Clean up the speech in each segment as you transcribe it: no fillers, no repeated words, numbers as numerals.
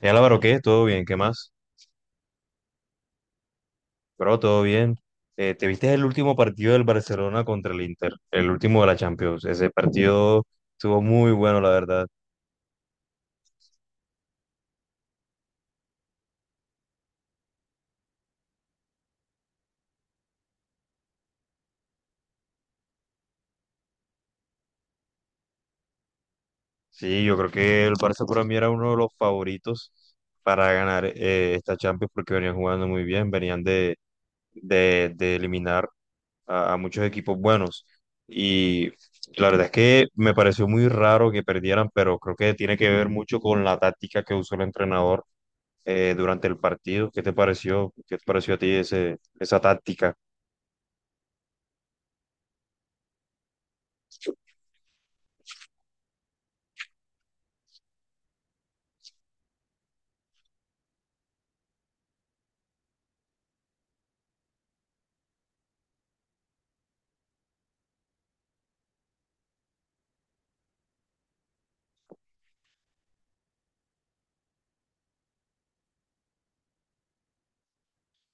Álvaro, ¿qué? ¿Todo bien? ¿Qué más? Bro, todo bien. ¿Te viste el último partido del Barcelona contra el Inter? El último de la Champions. Ese partido estuvo muy bueno, la verdad. Sí, yo creo que el Barça para mí era uno de los favoritos para ganar esta Champions porque venían jugando muy bien, venían de eliminar a muchos equipos buenos. Y la verdad es que me pareció muy raro que perdieran, pero creo que tiene que ver mucho con la táctica que usó el entrenador durante el partido. ¿Qué te pareció? ¿Qué te pareció a ti esa táctica?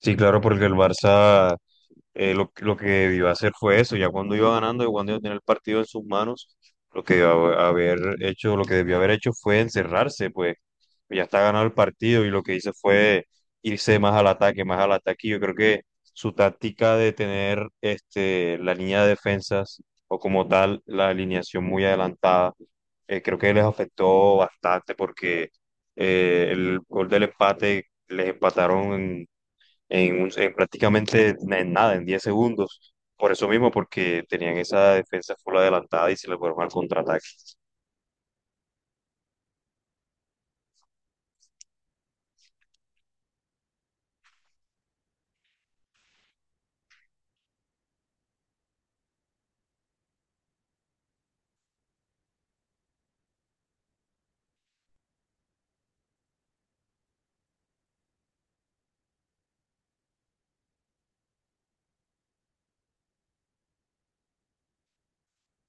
Sí, claro, porque el Barça lo que debió hacer fue eso, ya cuando iba ganando y cuando iba a tener el partido en sus manos, lo que debió lo que debió haber hecho fue encerrarse, pues ya está ganado el partido y lo que hizo fue irse más al ataque, más al ataque. Yo creo que su táctica de tener la línea de defensas o como tal la alineación muy adelantada, creo que les afectó bastante porque el gol del empate les empataron en prácticamente en nada, en 10 segundos. Por eso mismo, porque tenían esa defensa full adelantada y se le fueron al contraataque.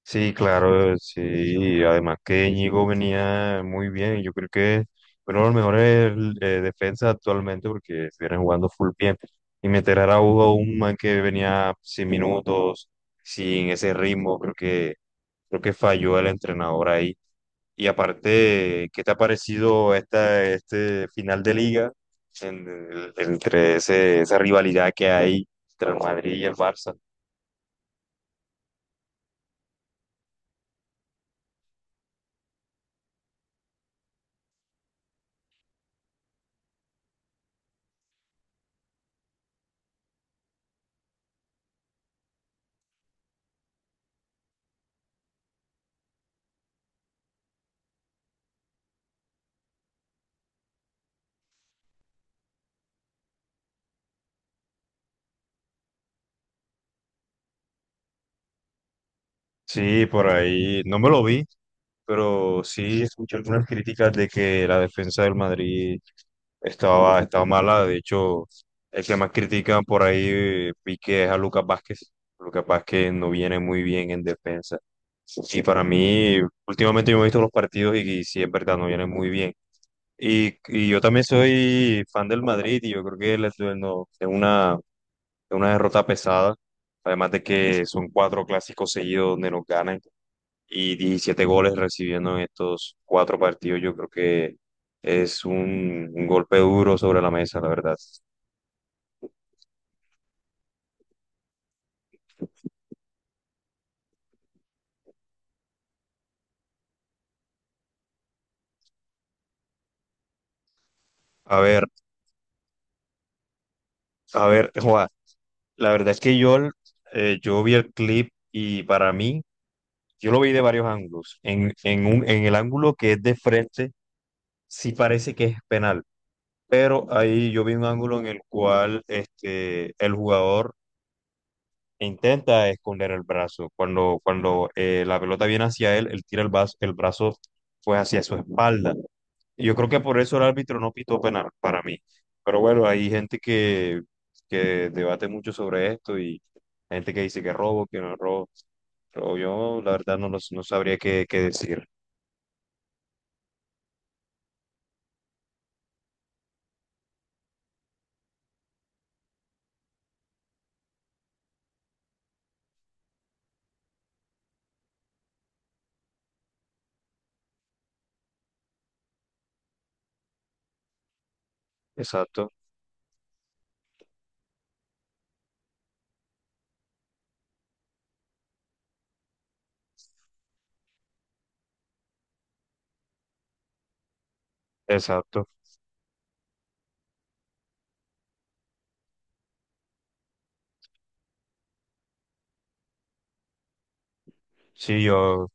Sí, claro, sí. Además que Íñigo venía muy bien. Yo creo que es uno de los mejores defensas actualmente porque estuvieron jugando full bien. Y meter a Araujo, un man que venía sin minutos, sin ese ritmo, creo que falló el entrenador ahí. Y aparte, ¿qué te ha parecido este final de liga en- entre esa rivalidad que hay entre el Madrid y el Barça? Sí, por ahí no me lo vi, pero sí escuché algunas críticas de que la defensa del Madrid estaba mala. De hecho, el que más critican por ahí vi que es a Lucas Vázquez. Lucas Vázquez no viene muy bien en defensa. Y para mí, últimamente yo me he visto los partidos y sí es verdad, no viene muy bien. Y yo también soy fan del Madrid y yo creo que les no, es una derrota pesada, además de que son cuatro clásicos seguidos donde nos ganan y 17 goles recibiendo en estos cuatro partidos, yo creo que es un golpe duro sobre la mesa, la verdad. A ver, a ver, Juan, la verdad es que yo vi el clip y para mí, yo lo vi de varios ángulos. En el ángulo que es de frente, sí parece que es penal, pero ahí yo vi un ángulo en el cual el jugador intenta esconder el brazo. Cuando la pelota viene hacia él, él tira el brazo pues hacia su espalda. Y yo creo que por eso el árbitro no pitó penal para mí. Pero bueno, que debate mucho sobre esto y gente que dice que robo, que no es robo. Pero yo la verdad no, no sabría qué decir. Exacto, exacto. Sí,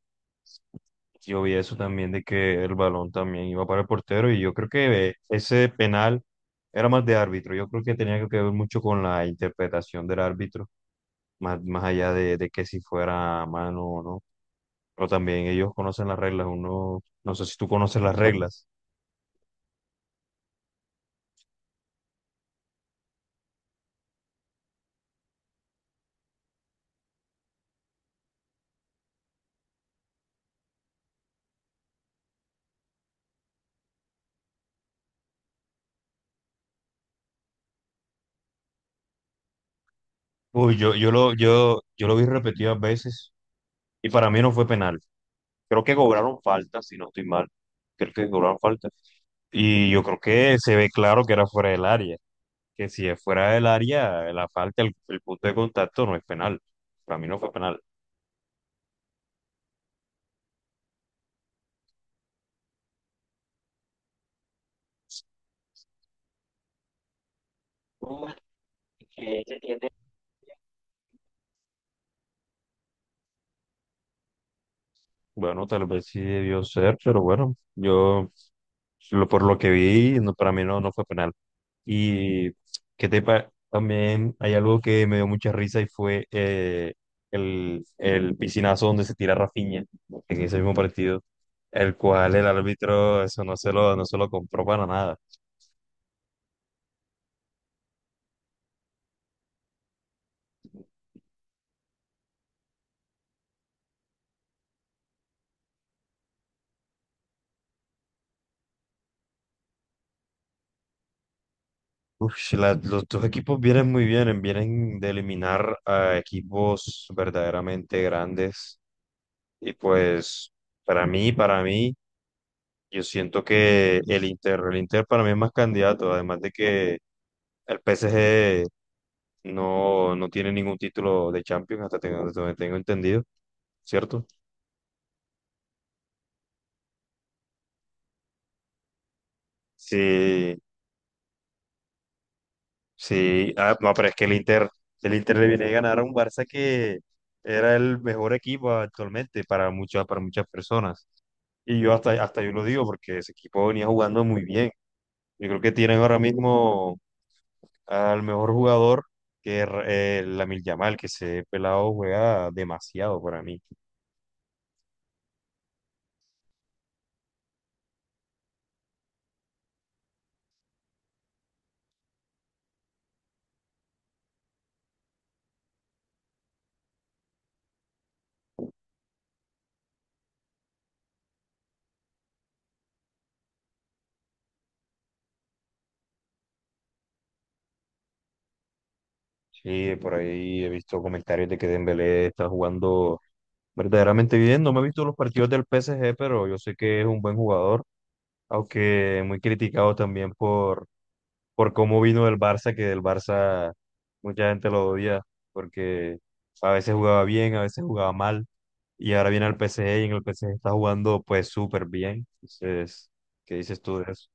yo vi eso también de que el balón también iba para el portero y yo creo que ese penal era más de árbitro. Yo creo que tenía que ver mucho con la interpretación del árbitro, más allá de que si fuera mano o no. Pero también ellos conocen las reglas. Uno, no sé si tú conoces las reglas. Uy, yo lo vi repetidas veces y para mí no fue penal. Creo que cobraron falta, si no estoy mal. Creo que cobraron falta. Y yo creo que se ve claro que era fuera del área. Que si es fuera del área, la falta, el punto de contacto no es penal. Para mí no fue penal. Bueno, tal vez sí debió ser, pero bueno, por lo que vi, no, para mí no, no fue penal. Y también hay algo que me dio mucha risa y fue el piscinazo donde se tira Rafinha en ese mismo partido, el cual el árbitro eso no se lo compró para nada. Uf, si la- los dos equipos vienen muy bien, vienen de eliminar a equipos verdaderamente grandes. Y pues, para mí, yo siento que el Inter para mí es más candidato, además de que el PSG no tiene ningún título de Champions, hasta donde tengo entendido, ¿cierto? Sí, sí, ah, no, pero es que el Inter le viene a ganar a un Barça que era el mejor equipo actualmente para muchas personas. Y yo hasta, hasta yo lo digo porque ese equipo venía jugando muy bien. Yo creo que tienen ahora mismo al mejor jugador que es Lamine Yamal, que ese pelado juega demasiado para mí. Sí, por ahí he visto comentarios de que Dembélé está jugando verdaderamente bien. No me he visto los partidos del PSG, pero yo sé que es un buen jugador, aunque muy criticado también por cómo vino del Barça, que del Barça mucha gente lo odia, porque a veces jugaba bien, a veces jugaba mal, y ahora viene al PSG y en el PSG está jugando pues súper bien. Entonces, ¿qué dices tú de eso?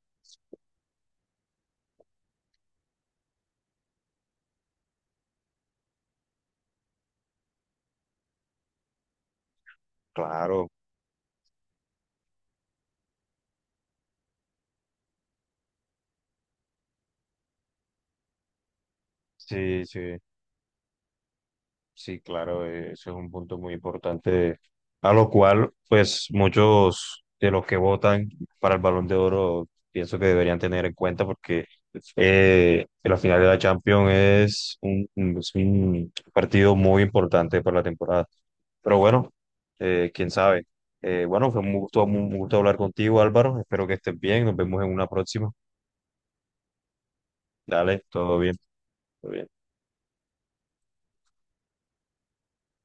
Claro, sí, sí. Sí, claro, ese es un punto muy importante, a lo cual, pues, muchos de los que votan para el Balón de Oro pienso que deberían tener en cuenta porque la final de la Champions es es un partido muy importante para la temporada. Pero bueno, quién sabe. Bueno, fue un gusto hablar contigo, Álvaro. Espero que estés bien. Nos vemos en una próxima. Dale, todo bien. Todo bien.